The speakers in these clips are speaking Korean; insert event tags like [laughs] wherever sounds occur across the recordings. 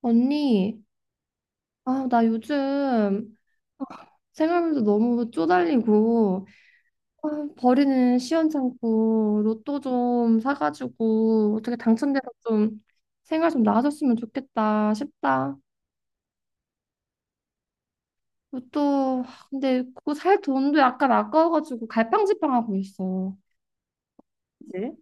언니, 나 요즘 생활비도 너무 쪼달리고, 아, 버리는 시원찮고, 로또 좀 사가지고, 어떻게 당첨돼서 좀 생활 좀 나아졌으면 좋겠다 싶다. 로또, 근데 그거 살 돈도 약간 아까워가지고 갈팡질팡하고 있어. 그치?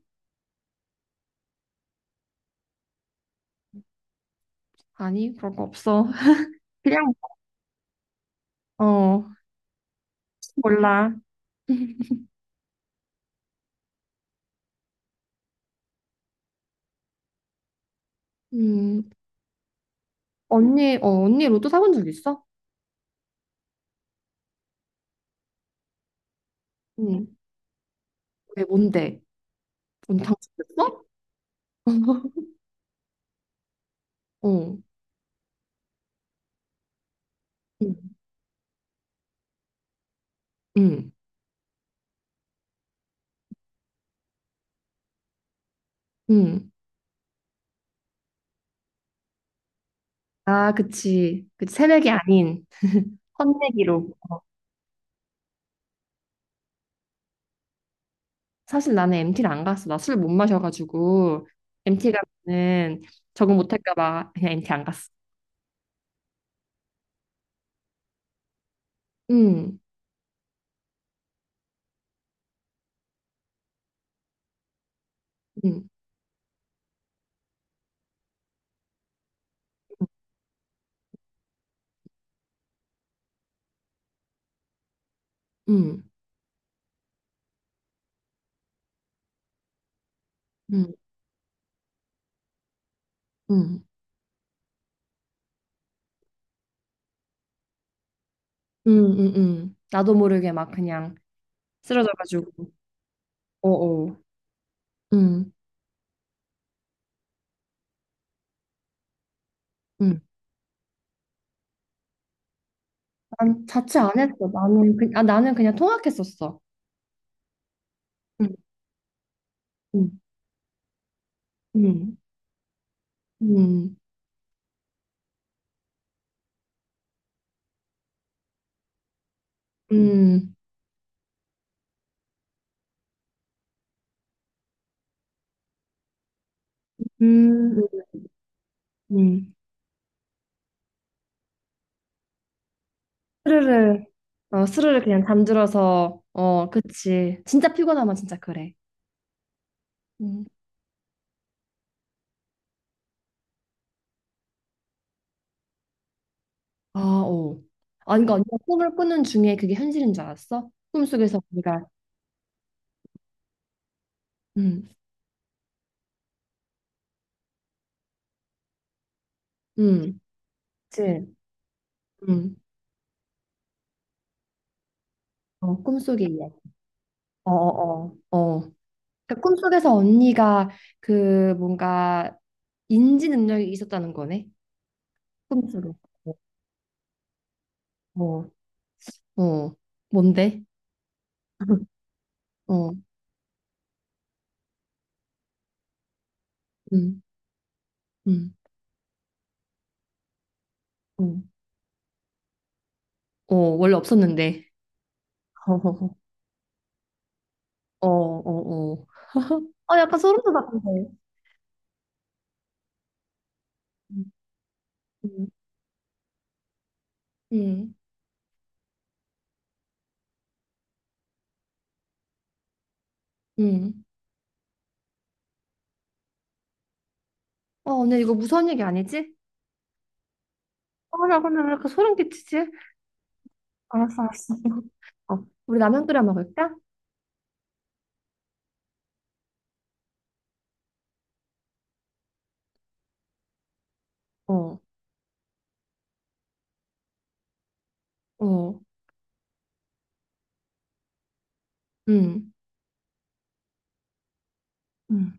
아니, 그런 거 없어. [laughs] 그냥, 어, 몰라. [laughs] 음, 언니, 언니 로또 사본 적 있어? 응. 왜, 뭔데? 뭔 당첨됐어? [laughs] 어. 음, 음, 음. 아, 그치. 그치. 새내기 아닌 혼내기로. 사실 나는 MT를 안 갔어. 나 술 못 마셔가지고 MT 가면은 적응 못할까 봐 그냥 MT 안 갔어. 음, 음, 음, 음, 음, 음, 나도 모르게 막 그냥 쓰러져가지고. 어어. 음, 음. 난 자취 안 했어. 나는 나는 그냥 통학했었어. 음, 음, 음, 음, 음, 음, 음. 음. 스르르. 어, 스르르 그냥 잠들어서, 어, 그치, 진짜 피곤하면 진짜 그래. 음. 아, 어. 아, 그러니까 언니가 꿈을 꾸는 중에 그게 현실인 줄 알았어? 꿈속에서 우리가. 음, 음, 그치. 음, 어, 꿈속의 이야기. 어, 어, 어. 어. 그러니까 꿈속에서 언니가 그 뭔가 인지 능력이 있었다는 거네. 꿈속에. 어, 어. 뭔데? 어. 음, 음, 음. 어, 원래 없었는데. [laughs] 어, 어, 어. 어, 약간 소름 돋았는데. 음, 음, 음. 어, 언니 이거 무서운 얘기 아니지? 어, 나 근데 왜 이렇게 소름 끼치지? 알았어, 알았어. 어, 우리 라면 끓여 먹을까? 어, 어. 음, 음.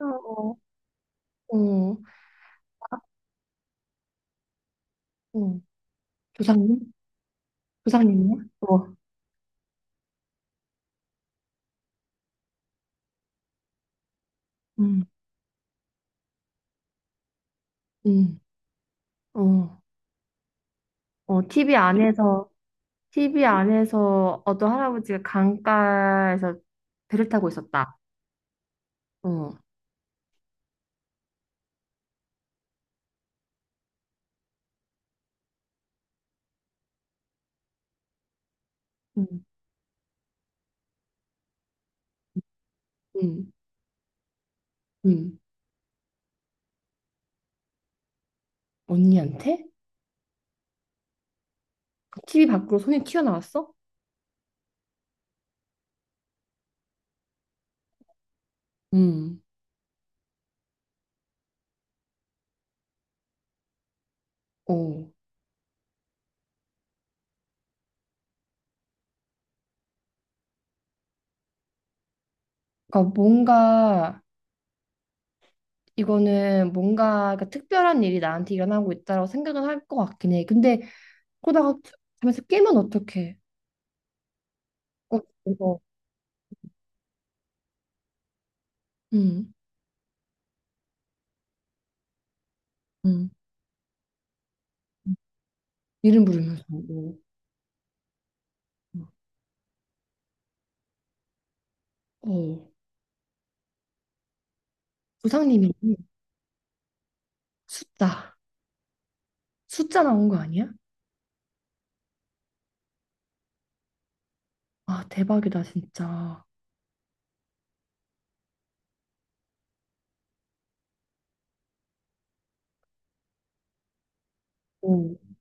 어, 어, 어, 어. 조상님? 조상님이야? 어. 음, 음, 어, 어, TV 안에서, TV 안에서 어떤 할아버지가 강가에서 배를 타고 있었다. 어. 음, 음, 음. 언니한테? TV 밖으로 손이 튀어나왔어? 음, 오. 그러니까 뭔가 이거는 뭔가 그러니까 특별한 일이 나한테 일어나고 있다라고 생각은 할 것 같긴 해. 근데 그러다가 잠에서 깨면 어떡해? 어, 이거. 음, 음, 이름 부르면서 오. 어, 부상님이. 숫자, 숫자 나온 거 아니야? 아, 대박이다 진짜. 어.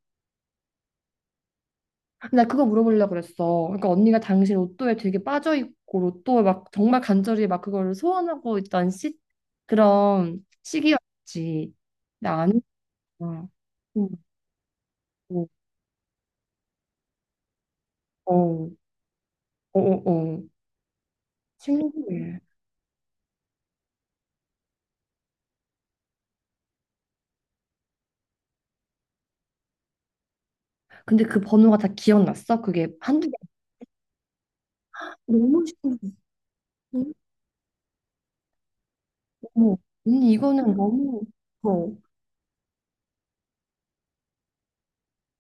나 그거 물어보려고 그랬어. 그러니까 언니가 당신 로또에 되게 빠져있고 로또에 막 정말 간절히 막 그거를 소원하고 있던 시, 그런 시기였지. 나 아니야. 응. 어, 어, 어, 어. 어. 신기해. 근데 그 번호가 다 기억났어? 그게 한두 개. 너무 신기해. 어머, 언니 이거는 너무. 어.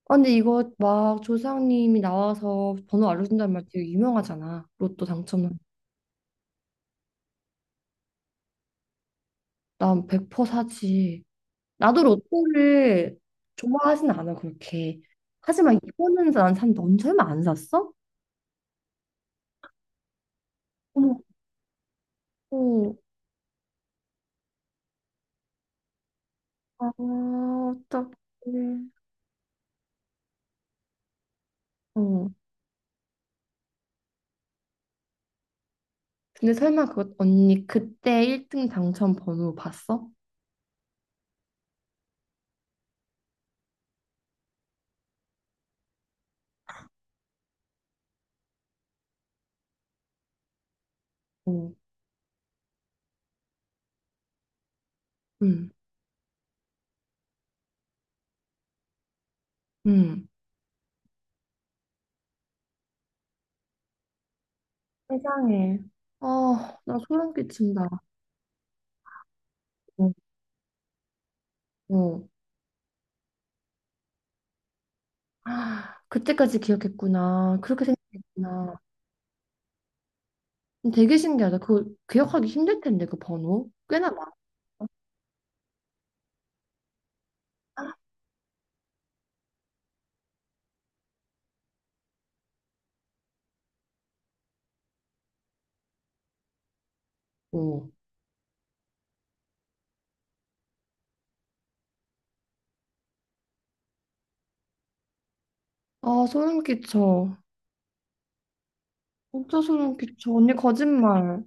아, 근데 이거 막 조상님이 나와서 번호 알려준다는 말 되게 유명하잖아. 로또 당첨은. 난 100% 사지. 나도 로또를 좋아하진 않아, 그렇게. 하지만 이거는 넌 설마 안 샀어? 어머, 어, 아, 어떡해. 어. 근데 설마 그 언니 그때 1등 당첨 번호 봤어? 어. 응, 응. 세상에. 어, 나 소름 끼친다. 어, 어. 아, 그때까지 기억했구나. 그렇게 생각했구나. 되게 신기하다. 그거 기억하기 힘들 텐데, 그 번호. 꽤나 많고. 아, 소름 끼쳐. 진짜 소름 끼쳐. 언니 거짓말.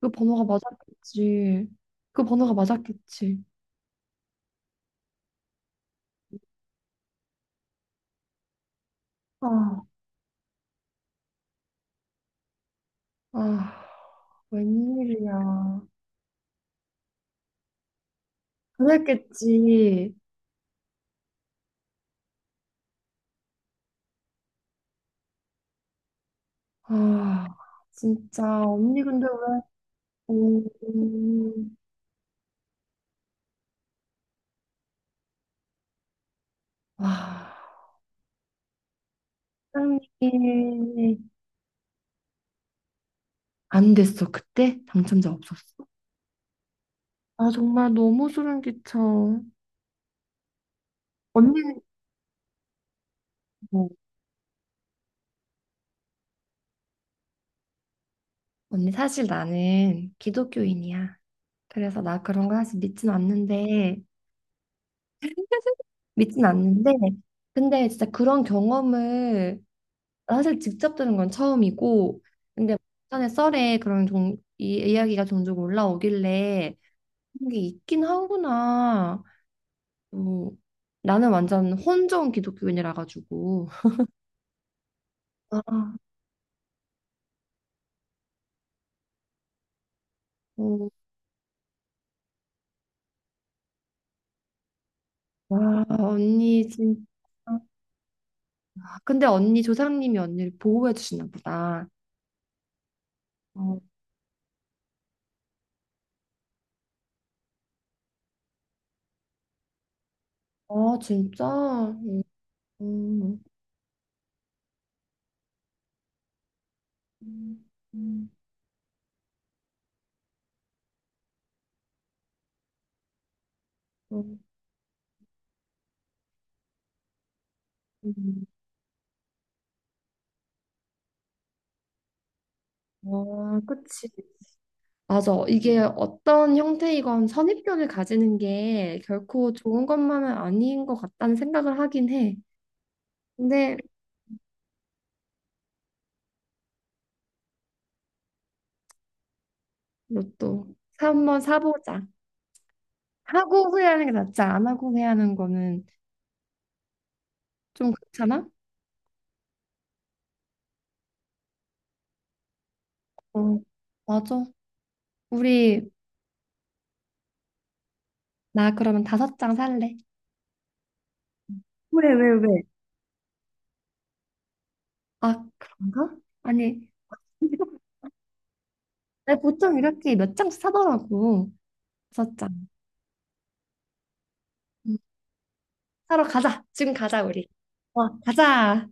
그 번호가 맞았겠지. 그 번호가 맞았겠지. 아, 아, 웬일이야. 그랬겠지. 아, 진짜. 언니 근데 왜. 음. 아, 사장님이 안 됐어. 그때 당첨자 없었어. 아, 정말 너무 소름 끼쳐. 언니는 뭐? 언니 사실 나는 기독교인이야. 그래서 나 그런 거 사실 믿진 않는데, 믿진 않는데, 근데 진짜 그런 경험을 사실 직접 들은 건 처음이고, 근데 전에 썰에 이 이야기가 종종 올라오길래 그런 게 있긴 하구나. 어, 나는 완전 혼종 기독교인이라 가지고. 아, 어, 와 언니 진짜. 근데 언니 조상님이 언니를 보호해 주시나 보다. 어, 아 진짜? 음, 음, 음, 음, 음. 음. 어, 그치. 맞아. 이게 어떤 형태이건 선입견을 가지는 게 결코 좋은 것만은 아닌 것 같다는 생각을 하긴 해. 근데 한번 사보자. 하고 후회하는 게 낫지. 안 하고 후회하는 거는 좀 그렇잖아? 어, 맞아. 우리. 나 그러면 다섯 장 살래. 왜, 왜, 왜? 아, 그런가? 아니, 나 보통 이렇게 몇 장씩 사더라고. 다섯 장. 음, 사러 가자. 지금 가자, 우리. 와, 가자.